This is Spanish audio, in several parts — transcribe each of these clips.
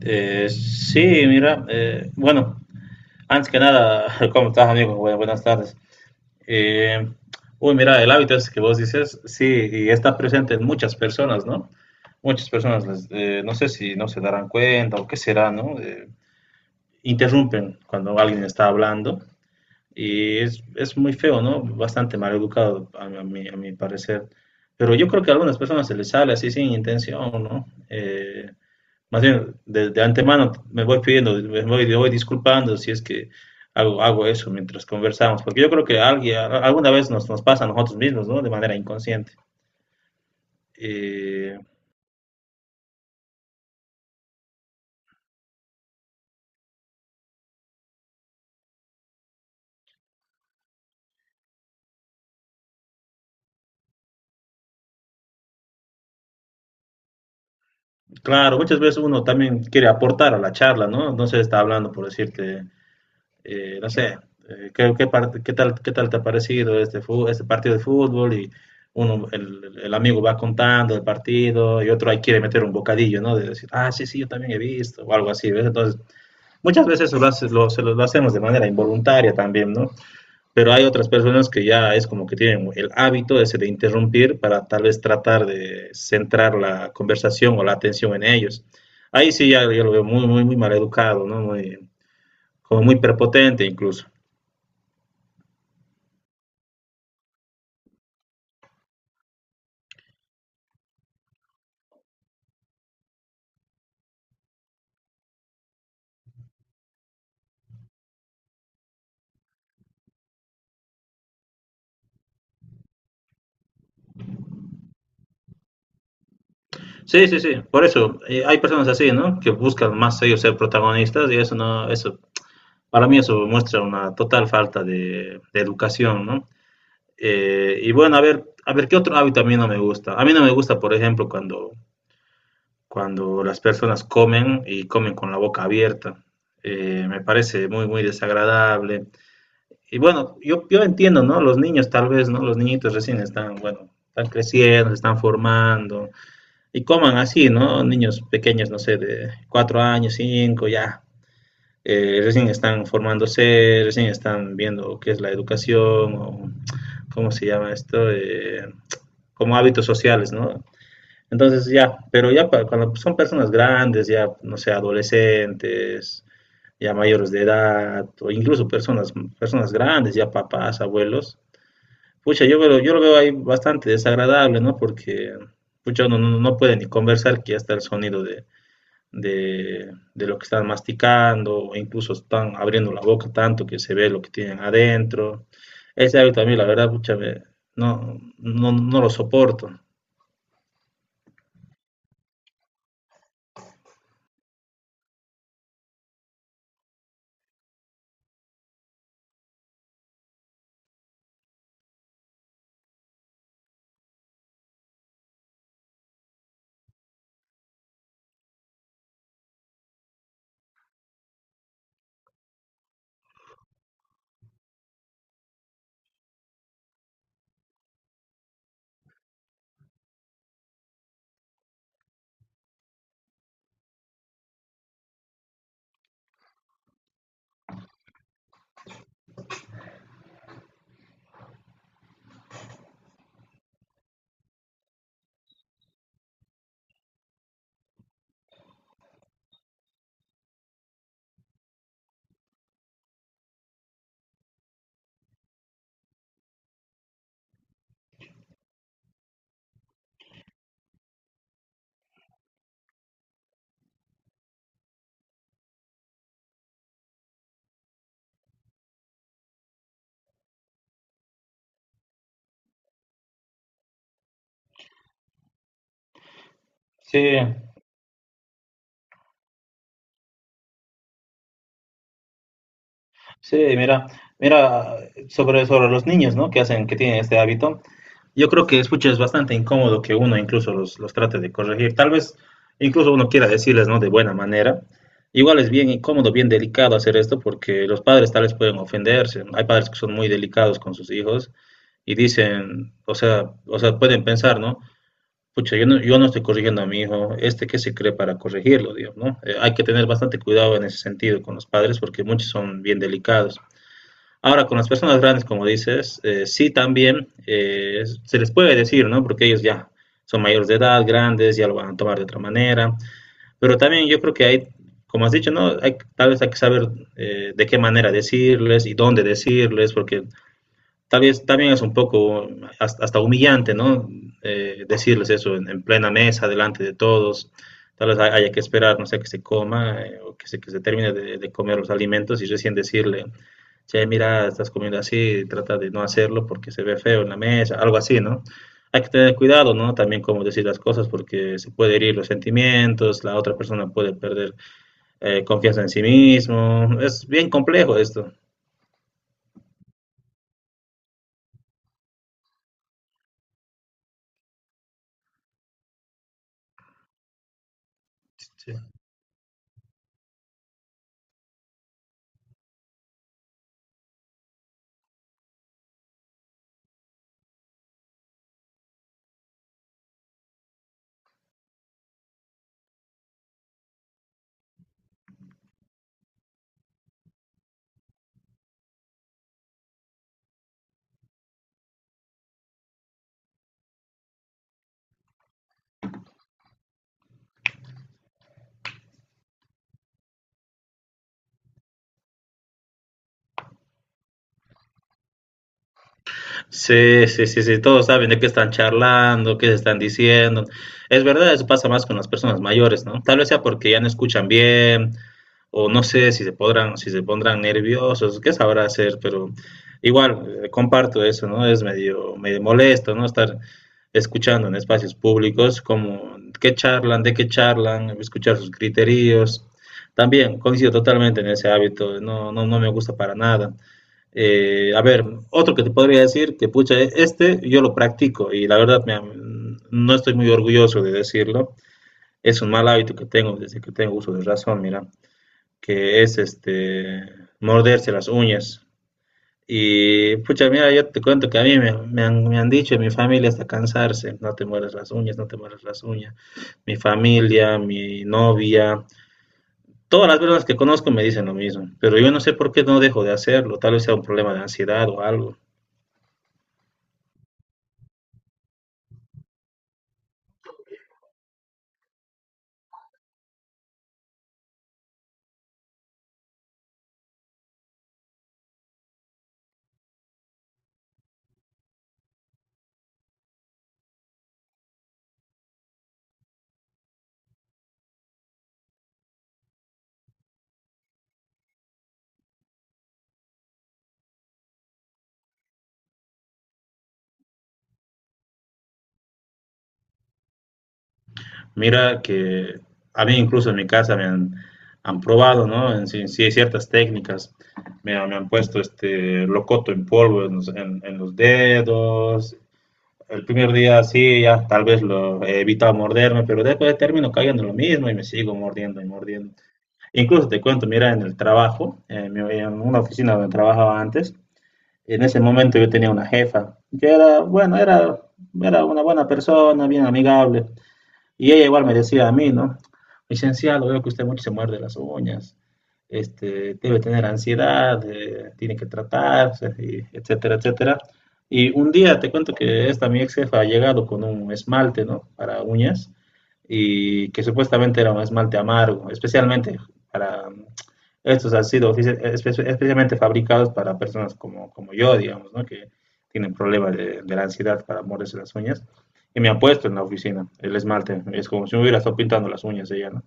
Sí, mira, bueno, antes que nada, ¿cómo estás, amigo? Buenas tardes. Eh, Uy, mira, el hábito ese que vos dices, sí, y está presente en muchas personas, ¿no? Muchas personas, no sé si no se darán cuenta o qué será, ¿no? Interrumpen cuando alguien está hablando y es muy feo, ¿no? Bastante mal educado, a mi parecer. Pero yo creo que a algunas personas se les sale así sin intención, ¿no? Más bien, de antemano me voy pidiendo, me voy disculpando si es que hago eso mientras conversamos, porque yo creo que alguien, alguna vez nos pasa a nosotros mismos, ¿no? De manera inconsciente. Eh, claro, muchas veces uno también quiere aportar a la charla, ¿no? No se está hablando por decirte, no sé, ¿qué tal te ha parecido este partido de fútbol? Y uno, el amigo va contando el partido y otro ahí quiere meter un bocadillo, ¿no? De decir, ah, sí, sí, yo también he visto, o algo así, ¿ves? Entonces, muchas veces se lo hacemos de manera involuntaria también, ¿no? Pero hay otras personas que ya es como que tienen el hábito ese de interrumpir para tal vez tratar de centrar la conversación o la atención en ellos. Ahí sí ya, ya lo veo muy, muy, muy mal educado, ¿no? Muy, como muy prepotente incluso. Sí, sí, sí, por eso hay personas así, ¿no? Que buscan más ellos ser protagonistas y eso no, para mí eso muestra una total falta de educación, ¿no? Y bueno, a ver qué otro hábito a mí no me gusta. A mí no me gusta, por ejemplo, cuando las personas comen y comen con la boca abierta. Me parece muy, muy desagradable. Y bueno, yo entiendo, ¿no? Los niños tal vez, ¿no? Los niñitos recién están, bueno, están creciendo, se están formando y coman así, ¿no? Niños pequeños, no sé, de 4 años, 5, ya. Recién están formándose, recién están viendo qué es la educación o cómo se llama esto. Como hábitos sociales, ¿no? Entonces ya, pero ya cuando son personas grandes, ya, no sé, adolescentes, ya mayores de edad, o incluso personas grandes, ya papás, abuelos, pucha, yo lo veo ahí bastante desagradable, ¿no? Porque, pucha, uno no puede ni conversar que ya está el sonido de lo que están masticando, o incluso están abriendo la boca tanto que se ve lo que tienen adentro. Ese hábito a mí, la verdad, pucha, no, no, no lo soporto. Sí, sí, mira, mira, sobre los niños, ¿no? Que tienen este hábito. Yo creo que, escucha, es bastante incómodo que uno incluso los trate de corregir. Tal vez incluso uno quiera decirles, ¿no? De buena manera. Igual es bien incómodo, bien delicado hacer esto porque los padres tal vez pueden ofenderse. Hay padres que son muy delicados con sus hijos y dicen, o sea, pueden pensar, ¿no? Pucha, yo no, yo no estoy corrigiendo a mi hijo, este que se cree para corregirlo, digo, ¿no? Hay que tener bastante cuidado en ese sentido con los padres porque muchos son bien delicados. Ahora, con las personas grandes, como dices, sí también se les puede decir, ¿no? Porque ellos ya son mayores de edad, grandes, ya lo van a tomar de otra manera. Pero también yo creo que hay, como has dicho, ¿no? Hay, tal vez hay que saber de qué manera decirles y dónde decirles, porque tal vez también es un poco hasta humillante, ¿no? Decirles eso en, plena mesa, delante de todos. Tal vez haya que esperar, no sé, que se coma o que se termine de comer los alimentos y recién decirle, che, mira, estás comiendo así, trata de no hacerlo porque se ve feo en la mesa, algo así, ¿no? Hay que tener cuidado, ¿no? También cómo decir las cosas porque se puede herir los sentimientos, la otra persona puede perder confianza en sí mismo. Es bien complejo esto. Sí. Sí, sí, sí, sí, todos saben de qué están charlando, qué se están diciendo. Es verdad, eso pasa más con las personas mayores, ¿no? Tal vez sea porque ya no escuchan bien, o no sé si se pondrán nerviosos, qué sabrá hacer, pero igual, comparto eso, ¿no? Es medio molesto, ¿no? Estar escuchando en espacios públicos, de qué charlan, escuchar sus criterios. También coincido totalmente en ese hábito, no, no, no me gusta para nada. A ver, otro que te podría decir que, pucha, este yo lo practico y la verdad no estoy muy orgulloso de decirlo. Es un mal hábito que tengo desde que tengo uso de razón, mira, que es este morderse las uñas. Y pucha, mira, yo te cuento que a mí me han dicho en mi familia hasta cansarse, no te mueras las uñas, no te mueras las uñas. Mi familia, mi novia, todas las personas que conozco me dicen lo mismo, pero yo no sé por qué no dejo de hacerlo, tal vez sea un problema de ansiedad o algo. Mira que a mí incluso en mi casa me han probado, ¿no? Sí, sí hay ciertas técnicas. Me han puesto este locoto en polvo en en los dedos. El primer día sí, ya tal vez lo he evitado morderme, pero después termino cayendo en lo mismo y me sigo mordiendo y mordiendo. Incluso te cuento, mira, en el trabajo, en una oficina donde trabajaba antes, en ese momento yo tenía una jefa que era, bueno, era una buena persona, bien amigable. Y ella igual me decía a mí, ¿no? Licenciado, veo que usted mucho se muerde las uñas, debe tener ansiedad, tiene que tratarse, y etcétera, etcétera. Y un día te cuento que esta mi ex jefa ha llegado con un esmalte, ¿no? Para uñas, y que supuestamente era un esmalte amargo, especialmente para, estos han sido especialmente fabricados para personas como yo, digamos, ¿no? que tienen problemas de la ansiedad para morderse las uñas. Y me ha puesto en la oficina el esmalte. Es como si me hubiera estado pintando las uñas ella, ¿no?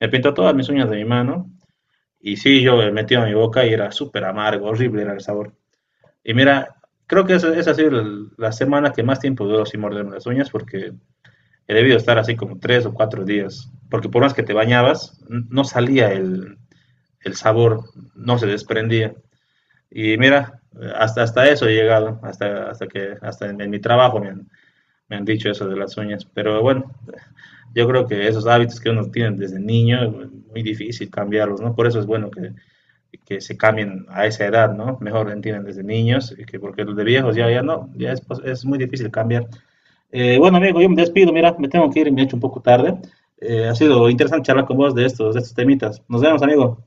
Me pintó todas mis uñas de mi mano. Y sí, yo me metía en mi boca y era súper amargo, horrible era el sabor. Y mira, creo que esa ha sido semana que más tiempo duró sin morderme las uñas porque he debido estar así como 3 o 4 días. Porque por más que te bañabas, no salía el sabor, no se desprendía. Y mira, hasta eso he llegado, hasta que hasta en mi trabajo me han dicho eso de las uñas. Pero bueno, yo creo que esos hábitos que uno tiene desde niño es muy difícil cambiarlos, ¿no? Por eso es bueno que se cambien a esa edad, ¿no? Mejor entienden desde niños, y que porque los de viejos ya, ya no, pues, es muy difícil cambiar. Bueno, amigo, yo me despido, mira, me tengo que ir, me he hecho un poco tarde. Ha sido interesante charlar con vos de estos temitas. Nos vemos, amigo.